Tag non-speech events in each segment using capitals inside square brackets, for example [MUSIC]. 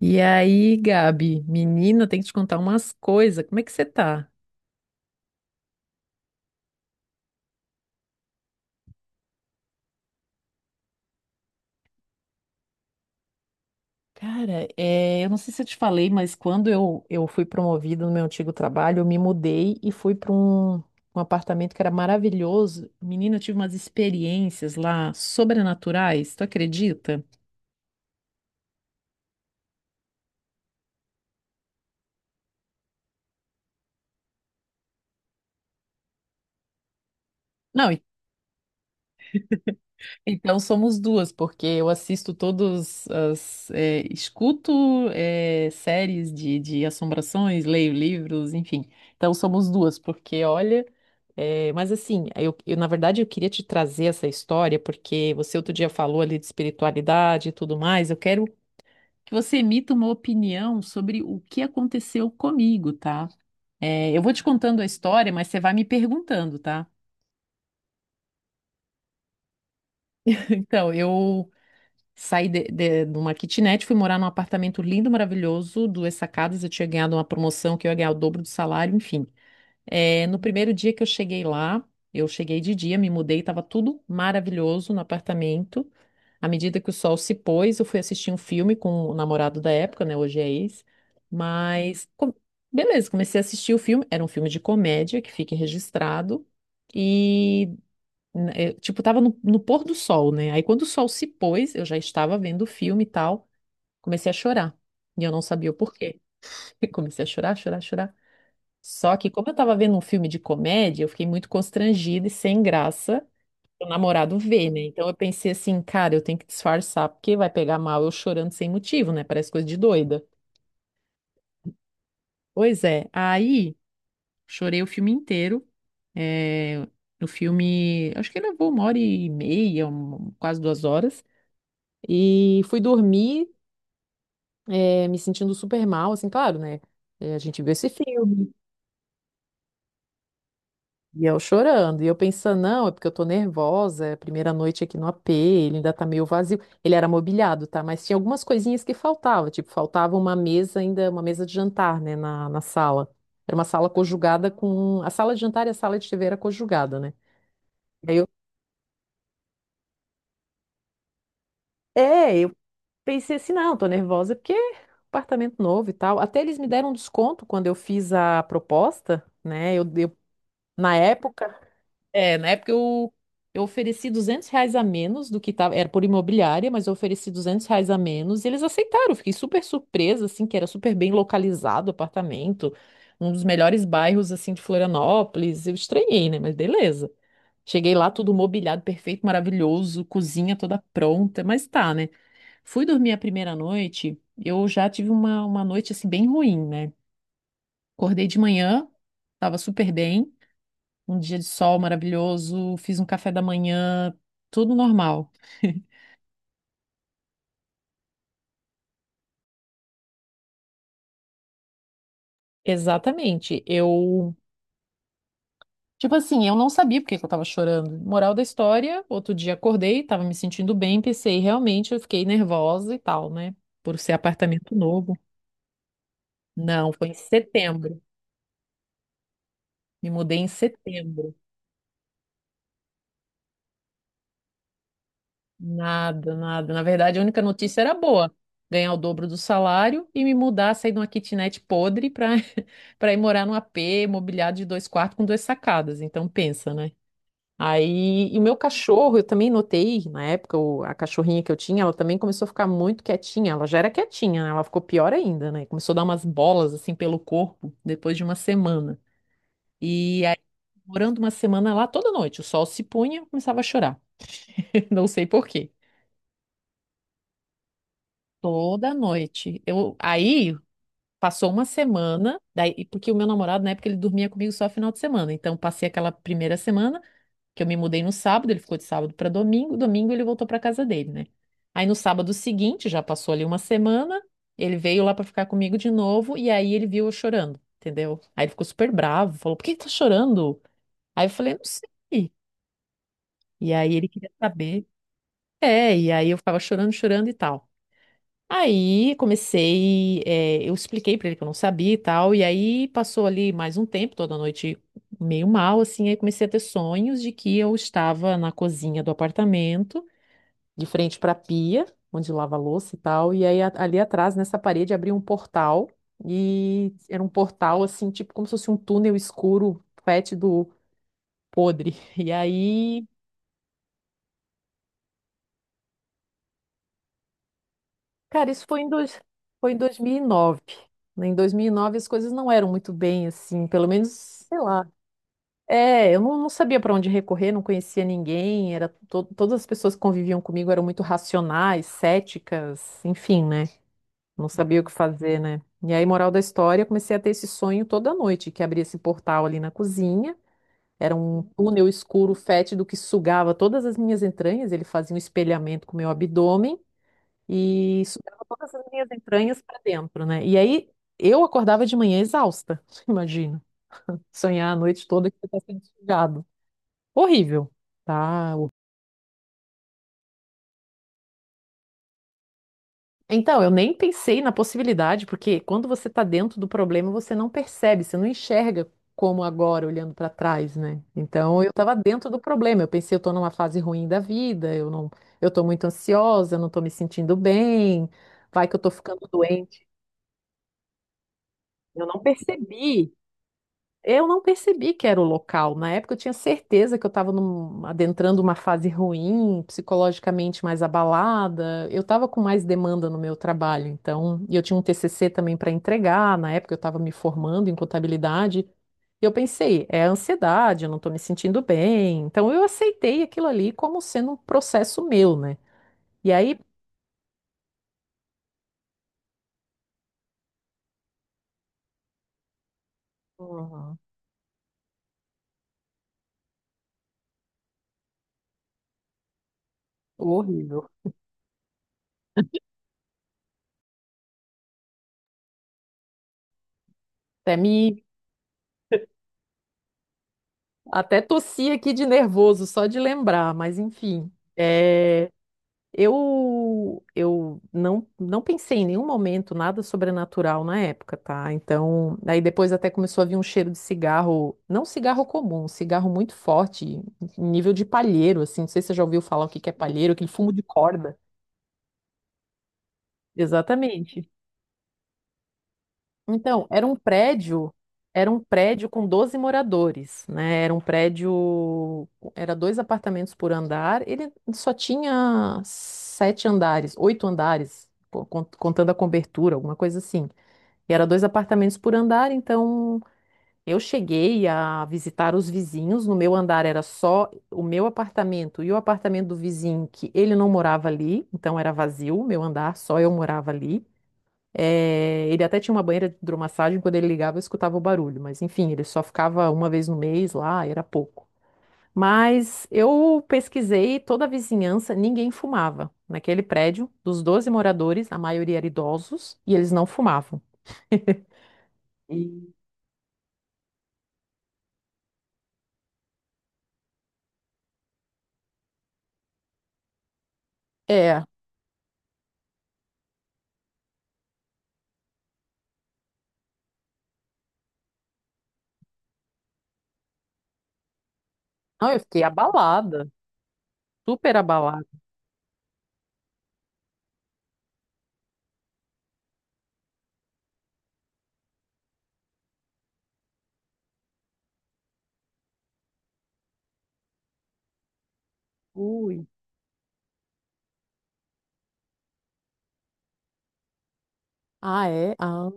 E aí, Gabi, menina, tem que te contar umas coisas. Como é que você tá? Cara, eu não sei se eu te falei, mas quando eu fui promovida no meu antigo trabalho, eu me mudei e fui para um apartamento que era maravilhoso. Menina, eu tive umas experiências lá sobrenaturais, tu acredita? Não. Então somos duas, porque eu assisto escuto séries de assombrações, leio livros, enfim. Então somos duas, porque olha. Na verdade eu queria te trazer essa história, porque você outro dia falou ali de espiritualidade e tudo mais. Eu quero que você emita uma opinião sobre o que aconteceu comigo, tá? Eu vou te contando a história, mas você vai me perguntando, tá? [LAUGHS] Então, eu saí de uma kitnet, fui morar num apartamento lindo, maravilhoso, duas sacadas. Eu tinha ganhado uma promoção que eu ia ganhar o dobro do salário, enfim. É, no primeiro dia que eu cheguei lá, eu cheguei de dia, me mudei, estava tudo maravilhoso no apartamento. À medida que o sol se pôs, eu fui assistir um filme com o namorado da época, né? Hoje é ex. Mas, beleza, comecei a assistir o filme. Era um filme de comédia, que fica registrado. E eu, tipo, tava no pôr do sol, né? Aí quando o sol se pôs, eu já estava vendo o filme e tal, comecei a chorar. E eu não sabia o porquê. [LAUGHS] Comecei a chorar, chorar, chorar. Só que como eu tava vendo um filme de comédia, eu fiquei muito constrangida e sem graça o namorado ver, né? Então eu pensei assim, cara, eu tenho que disfarçar, porque vai pegar mal eu chorando sem motivo, né? Parece coisa de doida. Pois é, aí chorei o filme inteiro. É, o filme, acho que levou uma hora e meia, quase 2 horas. E fui dormir, me sentindo super mal, assim, claro, né? A gente viu esse filme e eu chorando. E eu pensando, não, é porque eu tô nervosa, é a primeira noite aqui no AP, ele ainda tá meio vazio. Ele era mobiliado, tá? Mas tinha algumas coisinhas que faltava, tipo, faltava uma mesa ainda, uma mesa de jantar, né, na sala. Era uma sala conjugada com a sala de jantar, e a sala de TV era conjugada, né? E aí eu pensei assim, não, tô nervosa porque apartamento novo e tal. Até eles me deram um desconto quando eu fiz a proposta, né? Eu na época, eu, ofereci R$ 200 a menos do que tava, era por imobiliária, mas eu ofereci R$ 200 a menos e eles aceitaram. Eu fiquei super surpresa, assim, que era super bem localizado o apartamento, um dos melhores bairros, assim, de Florianópolis. Eu estranhei, né? Mas beleza. Cheguei lá tudo mobiliado, perfeito, maravilhoso, cozinha toda pronta, mas tá, né? Fui dormir a primeira noite, eu já tive uma noite assim bem ruim, né? Acordei de manhã, tava super bem, um dia de sol maravilhoso, fiz um café da manhã, tudo normal. [LAUGHS] Exatamente. Eu, tipo assim, eu não sabia por que que eu tava chorando. Moral da história, outro dia acordei, tava me sentindo bem, pensei, realmente eu fiquei nervosa e tal, né? Por ser apartamento novo. Não, foi em setembro. Me mudei em setembro. Nada, nada. Na verdade, a única notícia era boa. Ganhar o dobro do salário e me mudar, sair de uma kitnet podre para [LAUGHS] para ir morar num AP mobiliado de 2 quartos com duas sacadas. Então, pensa, né? Aí, e o meu cachorro, eu também notei, na época, a cachorrinha que eu tinha, ela também começou a ficar muito quietinha. Ela já era quietinha, né? Ela ficou pior ainda, né? Começou a dar umas bolas, assim, pelo corpo, depois de uma semana. E morando uma semana lá, toda noite, o sol se punha, eu começava a chorar. [LAUGHS] Não sei por quê. Toda noite. Eu, aí passou uma semana, daí, porque o meu namorado, na época, ele dormia comigo só final de semana. Então, passei aquela primeira semana, que eu me mudei no sábado, ele ficou de sábado para domingo, domingo ele voltou para casa dele, né? Aí no sábado seguinte, já passou ali uma semana, ele veio lá para ficar comigo de novo, e aí ele viu eu chorando, entendeu? Aí ele ficou super bravo, falou: Por que que tá chorando? Aí eu falei: Não sei. E aí ele queria saber. É, e aí eu ficava chorando, chorando e tal. Aí comecei, eu expliquei pra ele que eu não sabia e tal, e aí passou ali mais um tempo, toda noite meio mal, assim, aí comecei a ter sonhos de que eu estava na cozinha do apartamento, de frente pra pia, onde lava a louça e tal, e aí ali atrás, nessa parede, abriu um portal, e era um portal, assim, tipo como se fosse um túnel escuro, fétido, podre, [LAUGHS] e aí cara, isso foi em 2009. Né? Em 2009 as coisas não eram muito bem assim, pelo menos, sei lá. É, eu não sabia para onde recorrer, não conhecia ninguém, era todas as pessoas que conviviam comigo eram muito racionais, céticas, enfim, né? Não sabia o que fazer, né? E aí, moral da história, eu comecei a ter esse sonho toda noite, que abria esse portal ali na cozinha, era um túnel escuro, fétido, que sugava todas as minhas entranhas, ele fazia um espelhamento com o meu abdômen, e sugava todas as minhas entranhas para dentro, né? E aí eu acordava de manhã exausta, [LAUGHS] imagina. Sonhar a noite toda que você está sendo sugado. Horrível, tá? Então, eu nem pensei na possibilidade, porque quando você está dentro do problema, você não percebe, você não enxerga como agora, olhando para trás, né? Então, eu estava dentro do problema. Eu pensei, eu estou numa fase ruim da vida, eu não, eu estou muito ansiosa, eu não estou me sentindo bem, vai que eu estou ficando doente. Eu não percebi Eu não percebi que era o local. Na época eu tinha certeza que eu estava adentrando uma fase ruim, psicologicamente mais abalada. Eu estava com mais demanda no meu trabalho, então, e eu tinha um TCC também para entregar. Na época eu estava me formando em contabilidade. E eu pensei, é ansiedade, eu não estou me sentindo bem. Então eu aceitei aquilo ali como sendo um processo meu, né? E aí, uhum. Horrível. até me Até tossi aqui de nervoso só de lembrar, mas enfim. É, eu não pensei em nenhum momento nada sobrenatural na época, tá? Então, aí depois até começou a vir um cheiro de cigarro, não cigarro comum, um cigarro muito forte, nível de palheiro, assim. Não sei se você já ouviu falar o que que é palheiro, aquele fumo de corda. Exatamente. Então, era um prédio com 12 moradores, né? Era um prédio, era 2 apartamentos por andar. Ele só tinha 7 andares, 8 andares, contando a cobertura, alguma coisa assim. E era 2 apartamentos por andar, então eu cheguei a visitar os vizinhos. No meu andar era só o meu apartamento e o apartamento do vizinho, que ele não morava ali, então era vazio, o meu andar, só eu morava ali. É, ele até tinha uma banheira de hidromassagem, quando ele ligava eu escutava o barulho, mas enfim, ele só ficava uma vez no mês lá, era pouco. Mas eu pesquisei toda a vizinhança, ninguém fumava. Naquele prédio, dos 12 moradores, a maioria era idosos e eles não fumavam. E- É, não, eu fiquei abalada, super abalada. Ui. Ah, é? Ah,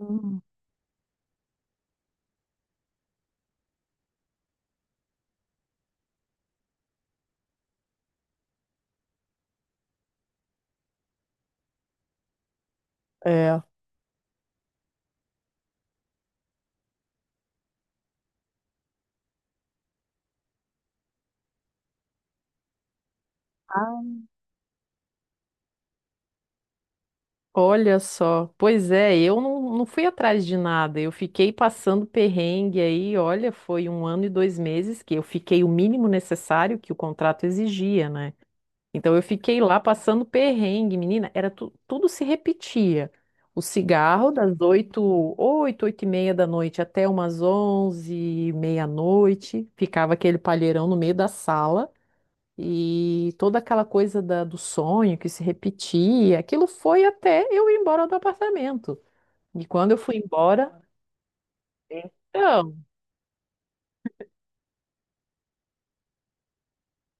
é. Olha só, pois é, eu não fui atrás de nada, eu fiquei passando perrengue aí, olha, foi um ano e 2 meses que eu fiquei o mínimo necessário que o contrato exigia, né? Então eu fiquei lá passando perrengue, menina, era tudo se repetia. O cigarro das oito e meia da noite até umas onze, meia-noite, ficava aquele palheirão no meio da sala. E toda aquela coisa do sonho que se repetia, aquilo foi até eu ir embora do apartamento. E quando eu fui embora, então,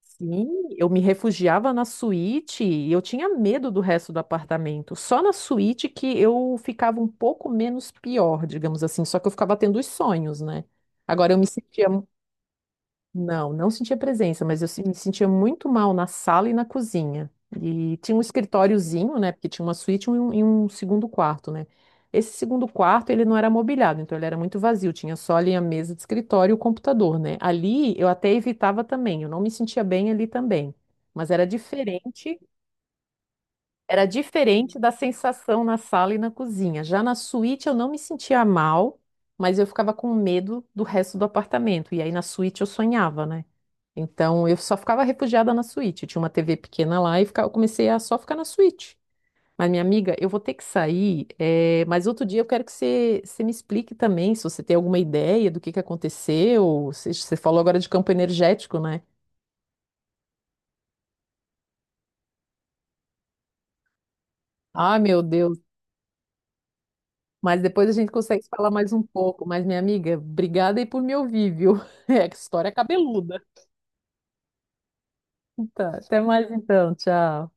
sim, eu me refugiava na suíte e eu tinha medo do resto do apartamento. Só na suíte que eu ficava um pouco menos pior, digamos assim, só que eu ficava tendo os sonhos, né? Agora eu me sentia. Não, não sentia presença, mas eu me sentia muito mal na sala e na cozinha. E tinha um escritóriozinho, né? Porque tinha uma suíte e um segundo quarto, né? Esse segundo quarto, ele não era mobiliado, então ele era muito vazio. Tinha só ali a mesa de escritório e o computador, né? Ali eu até evitava também, eu não me sentia bem ali também. Mas era diferente da sensação na sala e na cozinha. Já na suíte eu não me sentia mal, mas eu ficava com medo do resto do apartamento. E aí na suíte eu sonhava, né? Então eu só ficava refugiada na suíte. Tinha uma TV pequena lá e eu comecei a só ficar na suíte. Mas, minha amiga, eu vou ter que sair, mas outro dia eu quero que você me explique também se você tem alguma ideia do que aconteceu. Você falou agora de campo energético, né? Ai, meu Deus. Mas depois a gente consegue falar mais um pouco. Mas, minha amiga, obrigada aí por me ouvir, viu? [LAUGHS] É, que história cabeluda. Tá, até mais então, tchau.